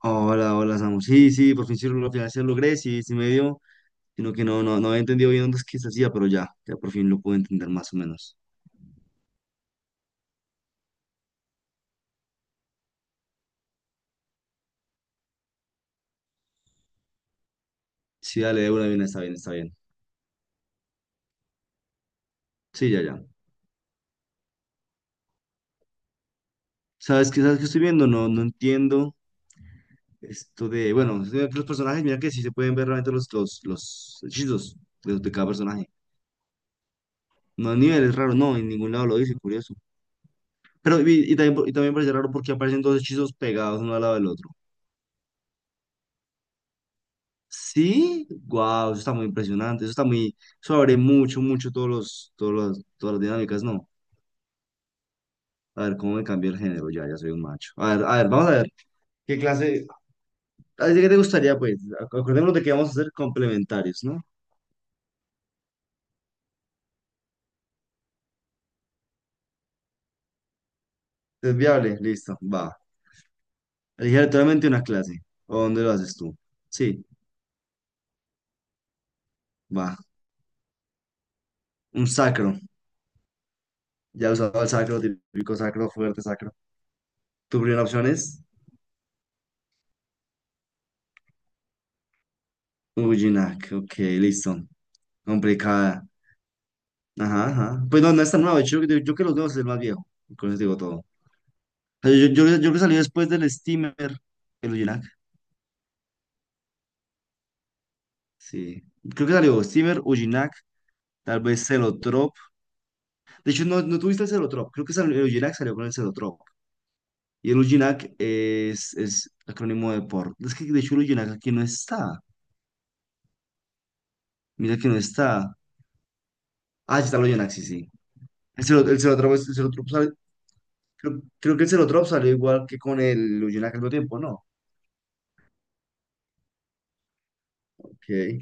Hola, hola, Samu. Sí, sí, por fin sí lo, al final sí lo logré, sí, sí me dio, sino que no, no, no había entendido bien dónde es que se hacía, pero ya por fin lo pude entender más o menos. Sí, dale, de una bien, está bien, está bien. Sí, ya, ya. ¿Sabes qué estoy viendo? No, no entiendo esto de, bueno, estoy viendo que los personajes, mira que sí se pueden ver realmente los hechizos de cada personaje. No, a nivel es raro, no, en ningún lado lo dice, curioso. Pero, y también parece raro porque aparecen dos hechizos pegados uno al lado del otro. Sí, wow, eso está muy impresionante, eso está muy, eso abre mucho, mucho todas las dinámicas, no. A ver, ¿cómo me cambia el género? Ya soy un macho. A ver, vamos a ver. ¿Qué clase? A ver, ¿qué te gustaría, pues? Acordémonos de que vamos a hacer complementarios, ¿no? ¿Es viable? Listo, va. Elige aleatoriamente una clase. ¿O dónde lo haces tú? Sí, va. Un sacro. Ya he usado el sacro, típico sacro, fuerte sacro. ¿Tu primera opción es? Ujinak, ok, listo. Complicada. Ajá, ajá. Pues no, no es tan nuevo. De hecho, yo que los nuevos es el más viejo. Con eso digo todo. O sea, yo que salí después del Steamer, el Ujinac. Sí. Creo que salió Steamer, Ujinac, tal vez Celotrop. De hecho, no, no tuviste el Celotrop. Creo que salió, el Ujinac salió con el Celotrop. Y el Ujinac es acrónimo de por. Es que de hecho el Ujinac aquí no está. Mira que no está. Ah, sí está el Ujinac, sí, sí. El Celotrop, el Celotrop creo que el Celotrop salió igual que con el Ujinac al mismo tiempo, ¿no? Ok.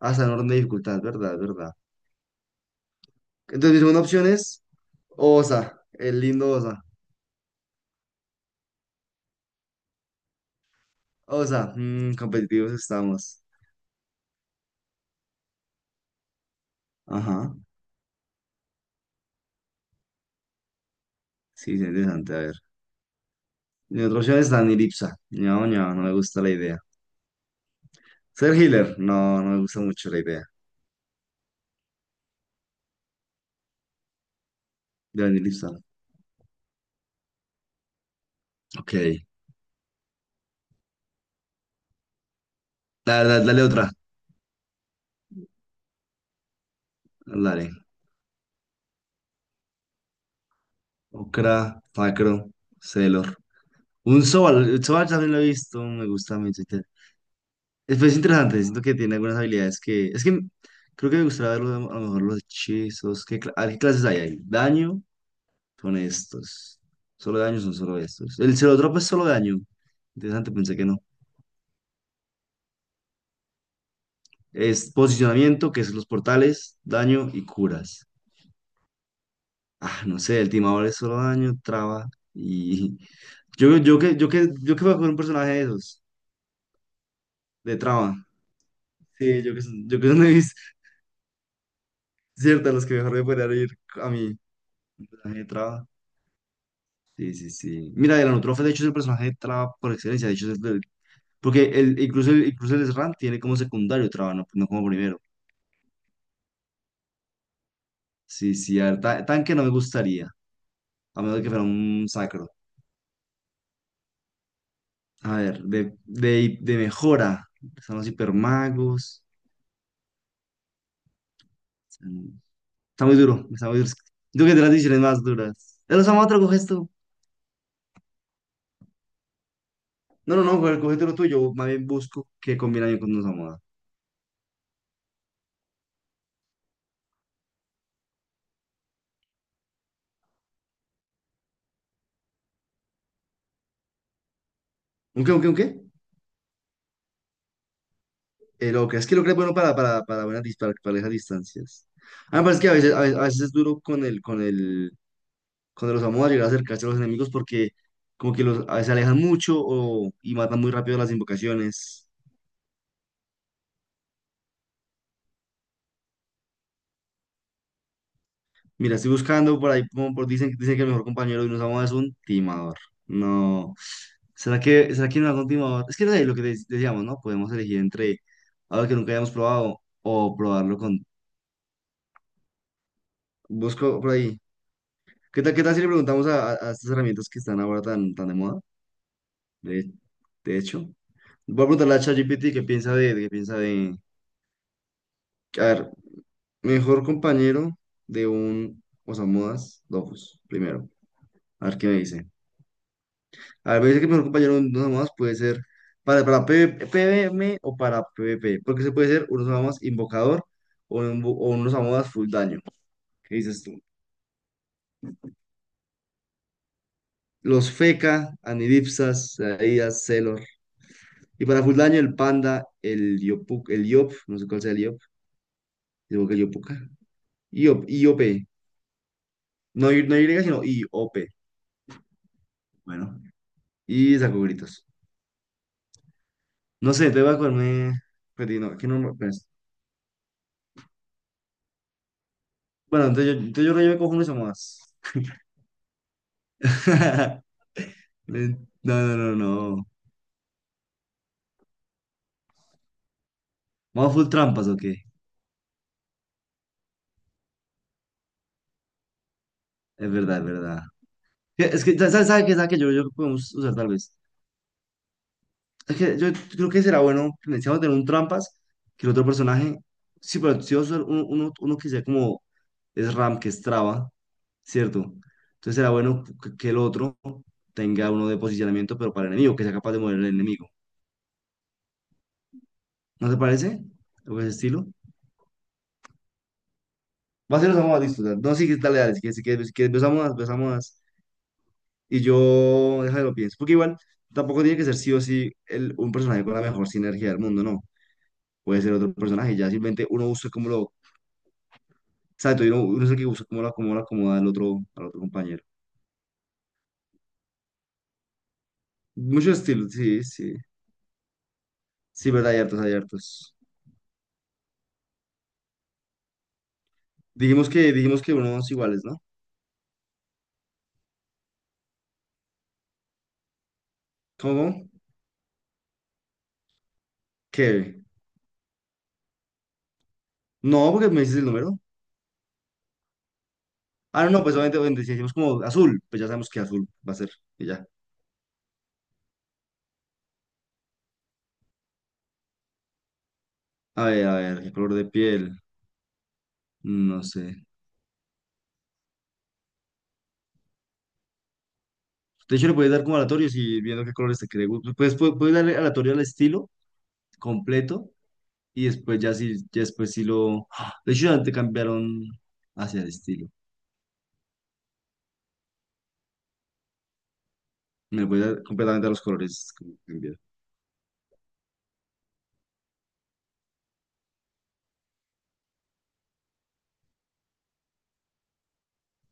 Hasta en orden de dificultad, ¿verdad? ¿Verdad? Entonces, mi segunda opción es Osa, el lindo Osa. Osa, competitivos estamos. Ajá, sí, sí, interesante, a ver. Mi otra opción es Danilipsa. No, no, no me gusta la idea. Ser healer, no, no me gusta mucho la idea de Danilipsa. Ok, dale, dale, dale otra. Dale. Okra, Facro, Celor. Un Sobal, el Sobal también lo he visto, me gusta mucho. Es interesante, siento que tiene algunas habilidades que... Es que creo que me gustaría verlo, a lo mejor los hechizos. A ver, ¿qué clases hay ahí? ¿Daño? Son estos. Solo daño son solo estos. El drop es solo daño. Interesante, pensé que no. Es posicionamiento, que es los portales, daño y curas. Ah, no sé, el timador es solo daño, traba y... Yo que voy a coger un personaje de esos, de traba. Sí, yo que son de mis, ciertas, los que mejor me podrían ir a mí. Personaje de traba. Sí, sí, sí. Mira, el Anutrofe, de hecho, es el personaje de traba por excelencia. De hecho, es el- porque el, incluso el Sran tiene como secundario traba, no, no como primero. Sí, sí, a ver, tanque no me gustaría, a menos de que fuera un sacro. A ver, de mejora, están los hipermagos. están- Está muy duro, está muy duro. Digo que es de las decisiones más duras. De los otro coges tú. No, no, no, cógete lo tuyo, yo más bien busco que combina bien con los Osamada. ¿Un qué, un qué, un qué? El Ocra, es que el Ocra es bueno para, para esas distancias. A mí me parece que a veces, a veces, a veces es duro con el cuando los vamos a llegar a acercarse a los enemigos porque como que los, a veces se alejan mucho o, y matan muy rápido las invocaciones. Mira, estoy buscando por ahí, como por, dicen que el mejor compañero de unos amos es un timador. No. ¿Será que no hago un timador? Es que no sé, lo que decíamos, ¿no? Podemos elegir entre algo que nunca hayamos probado o probarlo con... Busco por ahí. Qué tal si le preguntamos a, a estas herramientas que están ahora tan de moda? De, de hecho. Voy a preguntarle a ChatGPT qué piensa de, qué piensa de... A ver, mejor compañero de un Osamudas Dofus, primero. A ver qué me dice. A ver, me dice que el mejor compañero de un Osamudas puede ser para PV PvM o para PvP. Porque se puede ser un Osamudas invocador o o un Osamudas full daño. ¿Qué dices tú? Los Feca, Anidipsas, Saías, Celor. Y para full daño el Panda, el Yopuk, el Yop, no sé cuál sea el Yop. Digo que el Yopuka. Iop, IOP. No, Y- no Y, sino IOP. Bueno. Y saco gritos. No sé, te voy a comerme. Pero no, que no me- pues, bueno, entonces yo creo que me cojo uno más. No, no, no, no. ¿Vamos full trampas o qué? Es verdad, es verdad. Que- Es que, ¿sabes qué? ¿Sabes qué? Yo creo que podemos usar tal vez. Es que yo creo que será bueno necesitamos tener un trampas que el otro personaje. Sí, pero si vamos a usar uno que sea como es RAM, que es traba, ¿cierto? Entonces será bueno que el otro tenga uno de posicionamiento, pero para el enemigo, que sea capaz de mover el enemigo. ¿No te parece? ¿O ese estilo? Va a ser Osamu Badista, o sea, no, sí, dale, dale. Si quieres, si quieres, si quieres, ves a Modas, ves a Modas. Y yo, déjame lo pienso. Porque igual, tampoco tiene que ser sí o sí el- un personaje con la mejor sinergia del mundo, no. Puede ser otro personaje. Ya simplemente uno usa como lo. Exacto, y uno es el que usa como lo, cómo lo acomoda al otro compañero. Muchos estilos, sí, sí. Sí, verdad, hay hartos, hay hartos. Dijimos que unos iguales, ¿no? ¿Cómo? ¿Qué? No, porque me dices el número. Ah, no, no, pues obviamente, obviamente, si decimos como azul, pues ya sabemos que azul va a ser. Y ya. A ver, ¿qué color de piel? Mm, no sé. De hecho, le puedes dar como aleatorios y viendo qué colores te quiere. Puedes darle aleatorio al estilo completo y después ya si, ya después si lo... ¡Ah! De hecho, ya te cambiaron hacia el estilo. Me puedes dar completamente a los colores como que cambiar.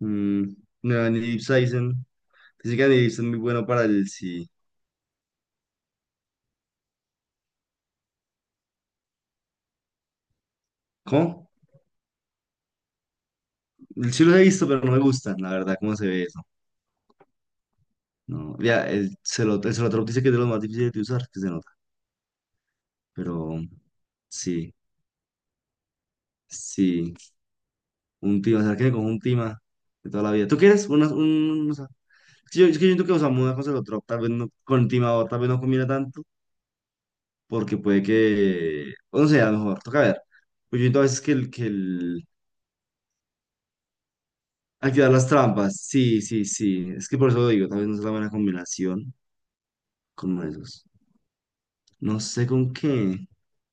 Mm, no, ni Deep Saizen. Dice que Deep Season es muy bueno para el sí. ¿Cómo? El sí los he visto, pero no me gustan, la verdad, cómo se ve eso. No, ya, el Celotrop dice que es de los más difíciles de usar, que se nota. Pero sí, sí. Un tima, o sea, que con un tima de toda la vida. ¿Tú quieres? Una, un, o sea, es yo, es que yo siento que, o sea, una cosa de otro, tal vez no, con tima o tal vez no combina tanto, porque puede que, o no sé, a lo mejor, toca ver. Pues yo siento a veces activar las trampas, sí, sí, sí, es que por eso lo digo, tal vez no es la buena combinación con uno de esos. No sé con qué,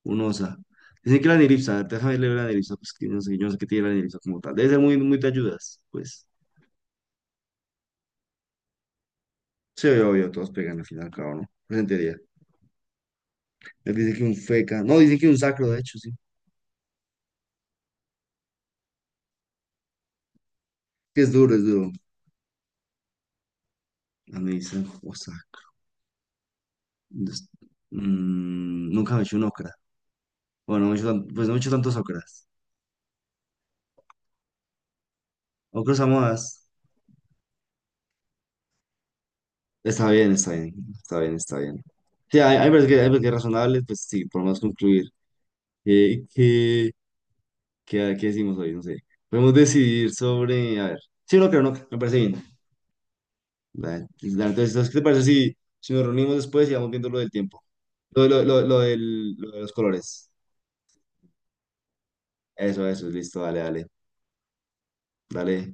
un osa. Dicen que la niripsa, a ver, déjame leer la niripsa, pues que no sé, yo no sé qué tiene la niripsa como tal. Debe ser muy, muy de ayudas, pues. Sí, obvio, obvio, todos pegan al final, claro, ¿no? Presente. Dice que un feca. No, dice que un sacro, de hecho, sí. Que es duro, es duro. A mí dicen, o sea, des- mm, nunca me he hecho un ocra. Bueno, no me he hecho pues no me he hecho tantos ocras. Ocros a modas. Está bien, está bien, está bien, está bien. Sí, hay hay veces que es razonable, pues sí, por lo menos concluir. Eh, ¿qué, qué decimos hoy? No sé. Podemos decidir sobre, a ver. Sí, no creo, no, me parece bien. Dale, dale, entonces, ¿qué te parece si, si nos reunimos después y vamos viendo lo del tiempo? Lo de los colores. Eso, listo, dale, dale, dale,